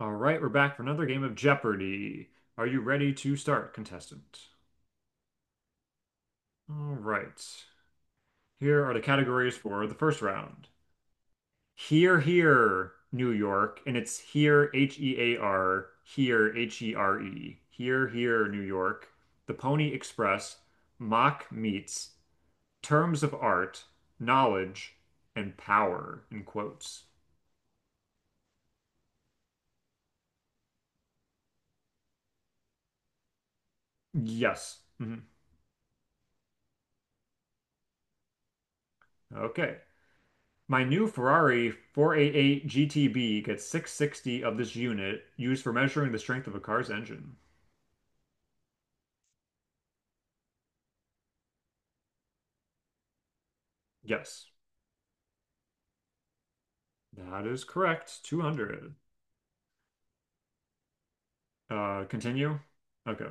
All right, we're back for another game of Jeopardy! Are you ready to start, contestant? All right. Here are the categories for the first round. Here, here, New York, and it's here, hear, here, here, H E R E. Here, here, New York, the Pony Express, Mock Meets, Terms of Art, Knowledge, and Power, in quotes. Yes. Mhm. Okay. My new Ferrari 488 GTB gets 660 of this unit used for measuring the strength of a car's engine. Yes, that is correct. 200. Continue. Okay.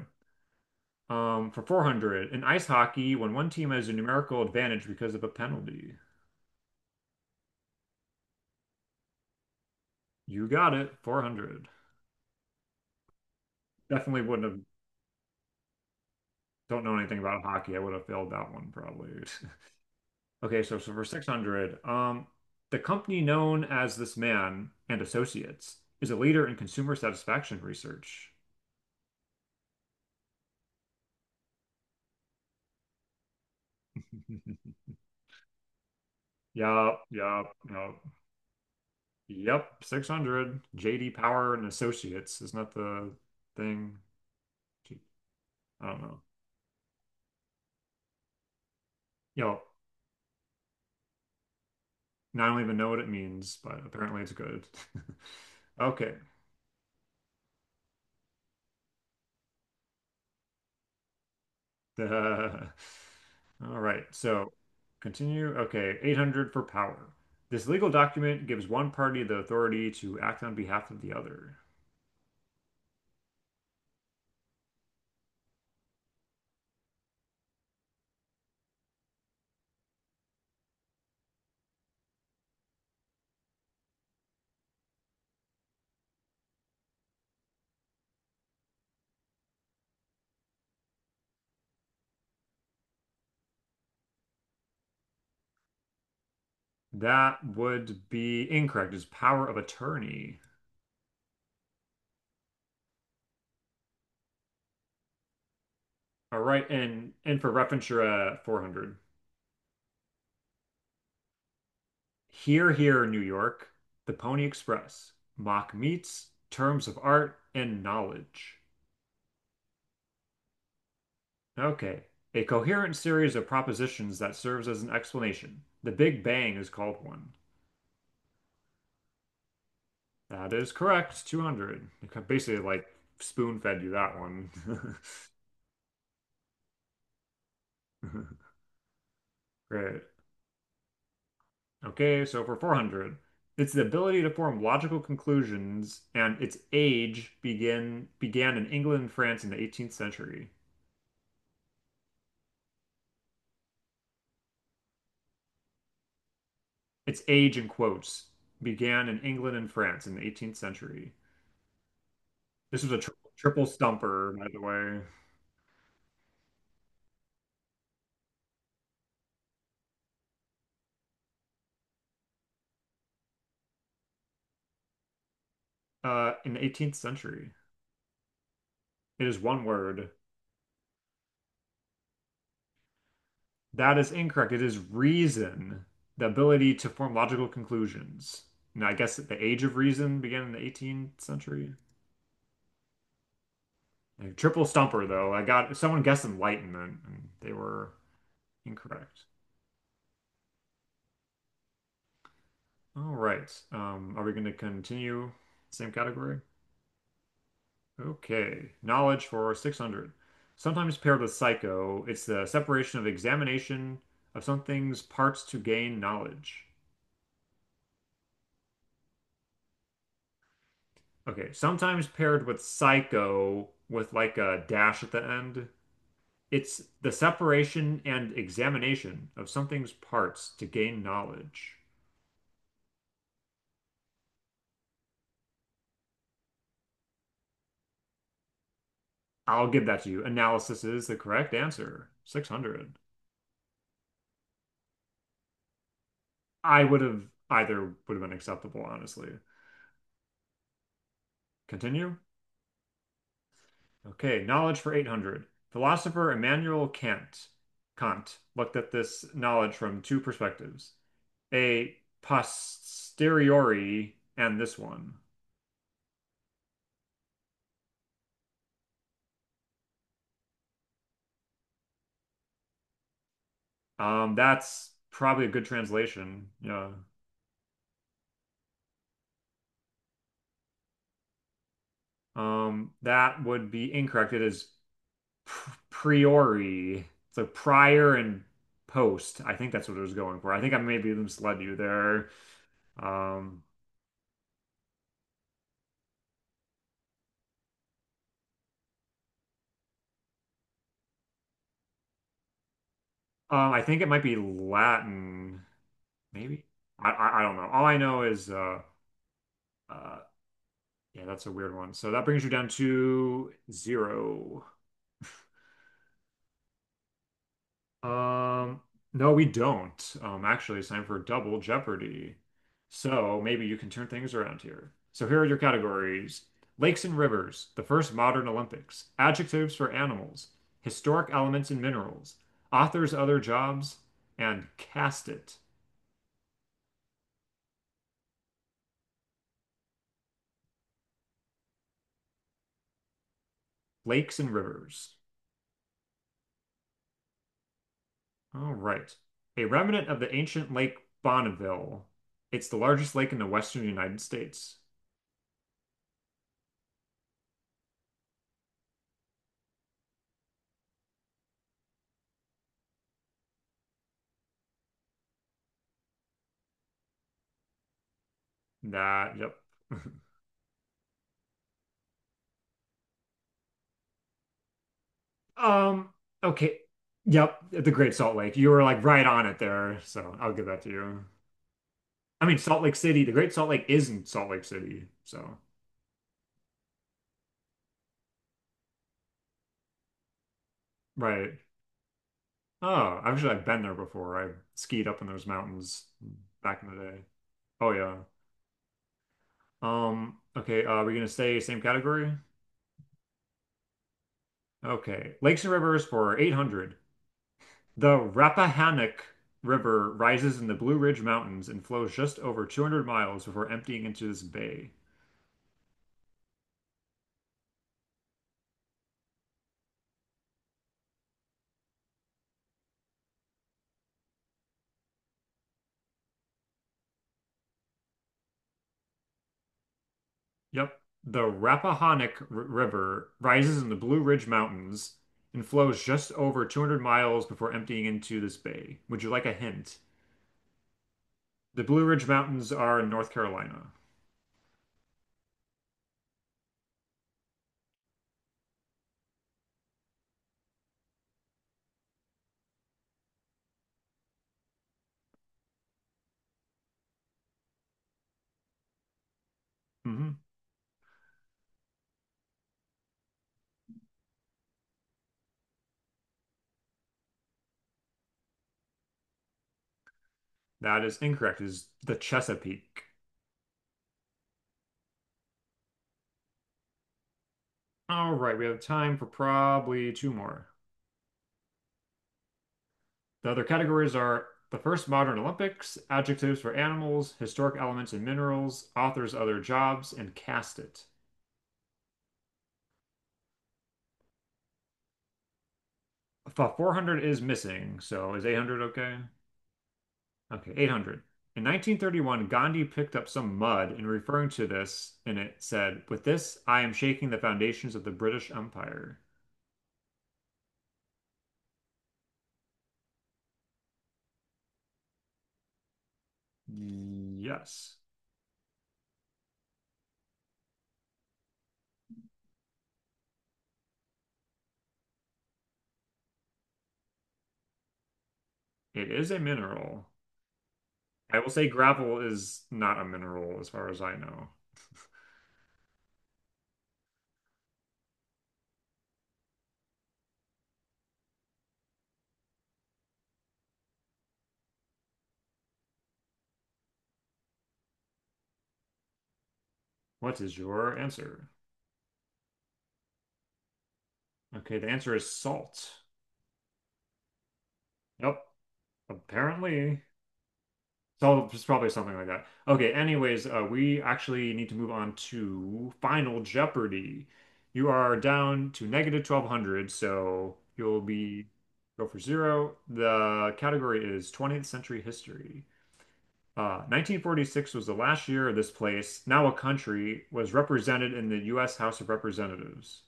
For 400, in ice hockey, when one team has a numerical advantage because of a penalty. You got it. 400. Definitely wouldn't have, don't know anything about hockey. I would have failed that one probably. Okay, so for 600, the company known as this man and Associates is a leader in consumer satisfaction research. Yup, yup, yup, yep. 600. JD Power and Associates. Isn't that the thing? Gee, I don't know. Yo, I don't even know what it means, but apparently it's good. Okay. Uh, all right. So continue. Okay. 800 for power. This legal document gives one party the authority to act on behalf of the other. That would be incorrect. It's power of attorney. All right. And for reference, you're at 400. Here, here, New York, the Pony Express, mock meets, terms of art, and knowledge. Okay. A coherent series of propositions that serves as an explanation. The Big Bang is called one. That is correct. 200. Basically, like spoon fed you that one. Great. Okay, so for 400, it's the ability to form logical conclusions, and its age begin began in England and France in the 18th century. Its age in quotes began in England and France in the 18th century. This was a triple stumper, by the way. In the 18th century, it is one word. That is incorrect. It is reason, the ability to form logical conclusions. And I guess the age of reason began in the 18th century. A triple stumper, though. I got someone guessed enlightenment, and they were incorrect. All right. Are we going to continue? Same category? Okay. Knowledge for 600. Sometimes paired with psycho, it's the separation of examination of something's parts to gain knowledge. Okay, sometimes paired with psycho with like a dash at the end. It's the separation and examination of something's parts to gain knowledge. I'll give that to you. Analysis is the correct answer. 600. I would have Either would have been acceptable, honestly. Continue. Okay, knowledge for 800. Philosopher Immanuel Kant looked at this knowledge from two perspectives, a posteriori and this one. That's probably a good translation. Yeah. That would be incorrect. It is pr priori. So prior and post. I think that's what it was going for. I think I maybe misled you there. Um, I think it might be Latin, maybe. I don't know. All I know is uh, yeah, that's a weird one. So that brings you down to zero. Um, no, we don't. Actually, it's time for Double Jeopardy. So maybe you can turn things around here. So here are your categories: lakes and rivers, the first modern Olympics, adjectives for animals, historic elements and minerals, authors' other jobs, and cast it. Lakes and rivers. All right. A remnant of the ancient Lake Bonneville. It's the largest lake in the western United States. That, yep. Um, okay. Yep, the Great Salt Lake. You were like right on it there, so I'll give that to you. I mean, Salt Lake City, the Great Salt Lake is in Salt Lake City, so right. Oh, actually, I've been there before. I skied up in those mountains back in the day. Oh yeah. Okay, we're gonna stay same category? Okay. Lakes and rivers for 800. The Rappahannock River rises in the Blue Ridge Mountains and flows just over 200 miles before emptying into this bay. Yep. The Rappahannock R River rises in the Blue Ridge Mountains and flows just over 200 miles before emptying into this bay. Would you like a hint? The Blue Ridge Mountains are in North Carolina. Hmm. That is incorrect. It is the Chesapeake. All right, we have time for probably two more. The other categories are the first modern Olympics, adjectives for animals, historic elements and minerals, authors' other jobs, and cast it. 400 is missing, so is 800 okay? Okay, 800. In 1931, Gandhi picked up some mud and referring to this, and it said, "With this, I am shaking the foundations of the British Empire." Yes, it is a mineral. I will say gravel is not a mineral as far as I know. What is your answer? Okay, the answer is salt. Yep, apparently. So it's probably something like that. Okay, anyways, we actually need to move on to Final Jeopardy. You are down to negative 1200, so you'll be go for zero. The category is 20th century history. 1946 was the last year this place, now a country, was represented in the U.S. House of Representatives.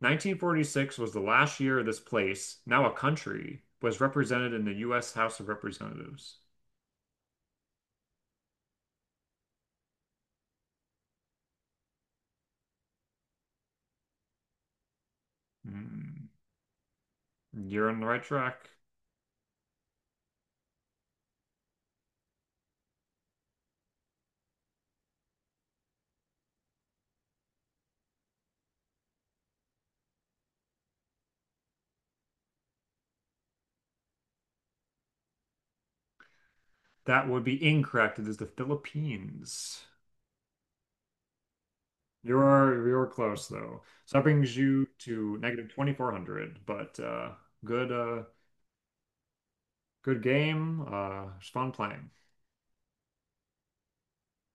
1946 was the last year this place, now a country, was represented in the U.S. House of Representatives. Hmm. You're on the right track. That would be incorrect. It is the Philippines. You're close though. So that brings you to negative 2400, but good uh good game. It was fun playing.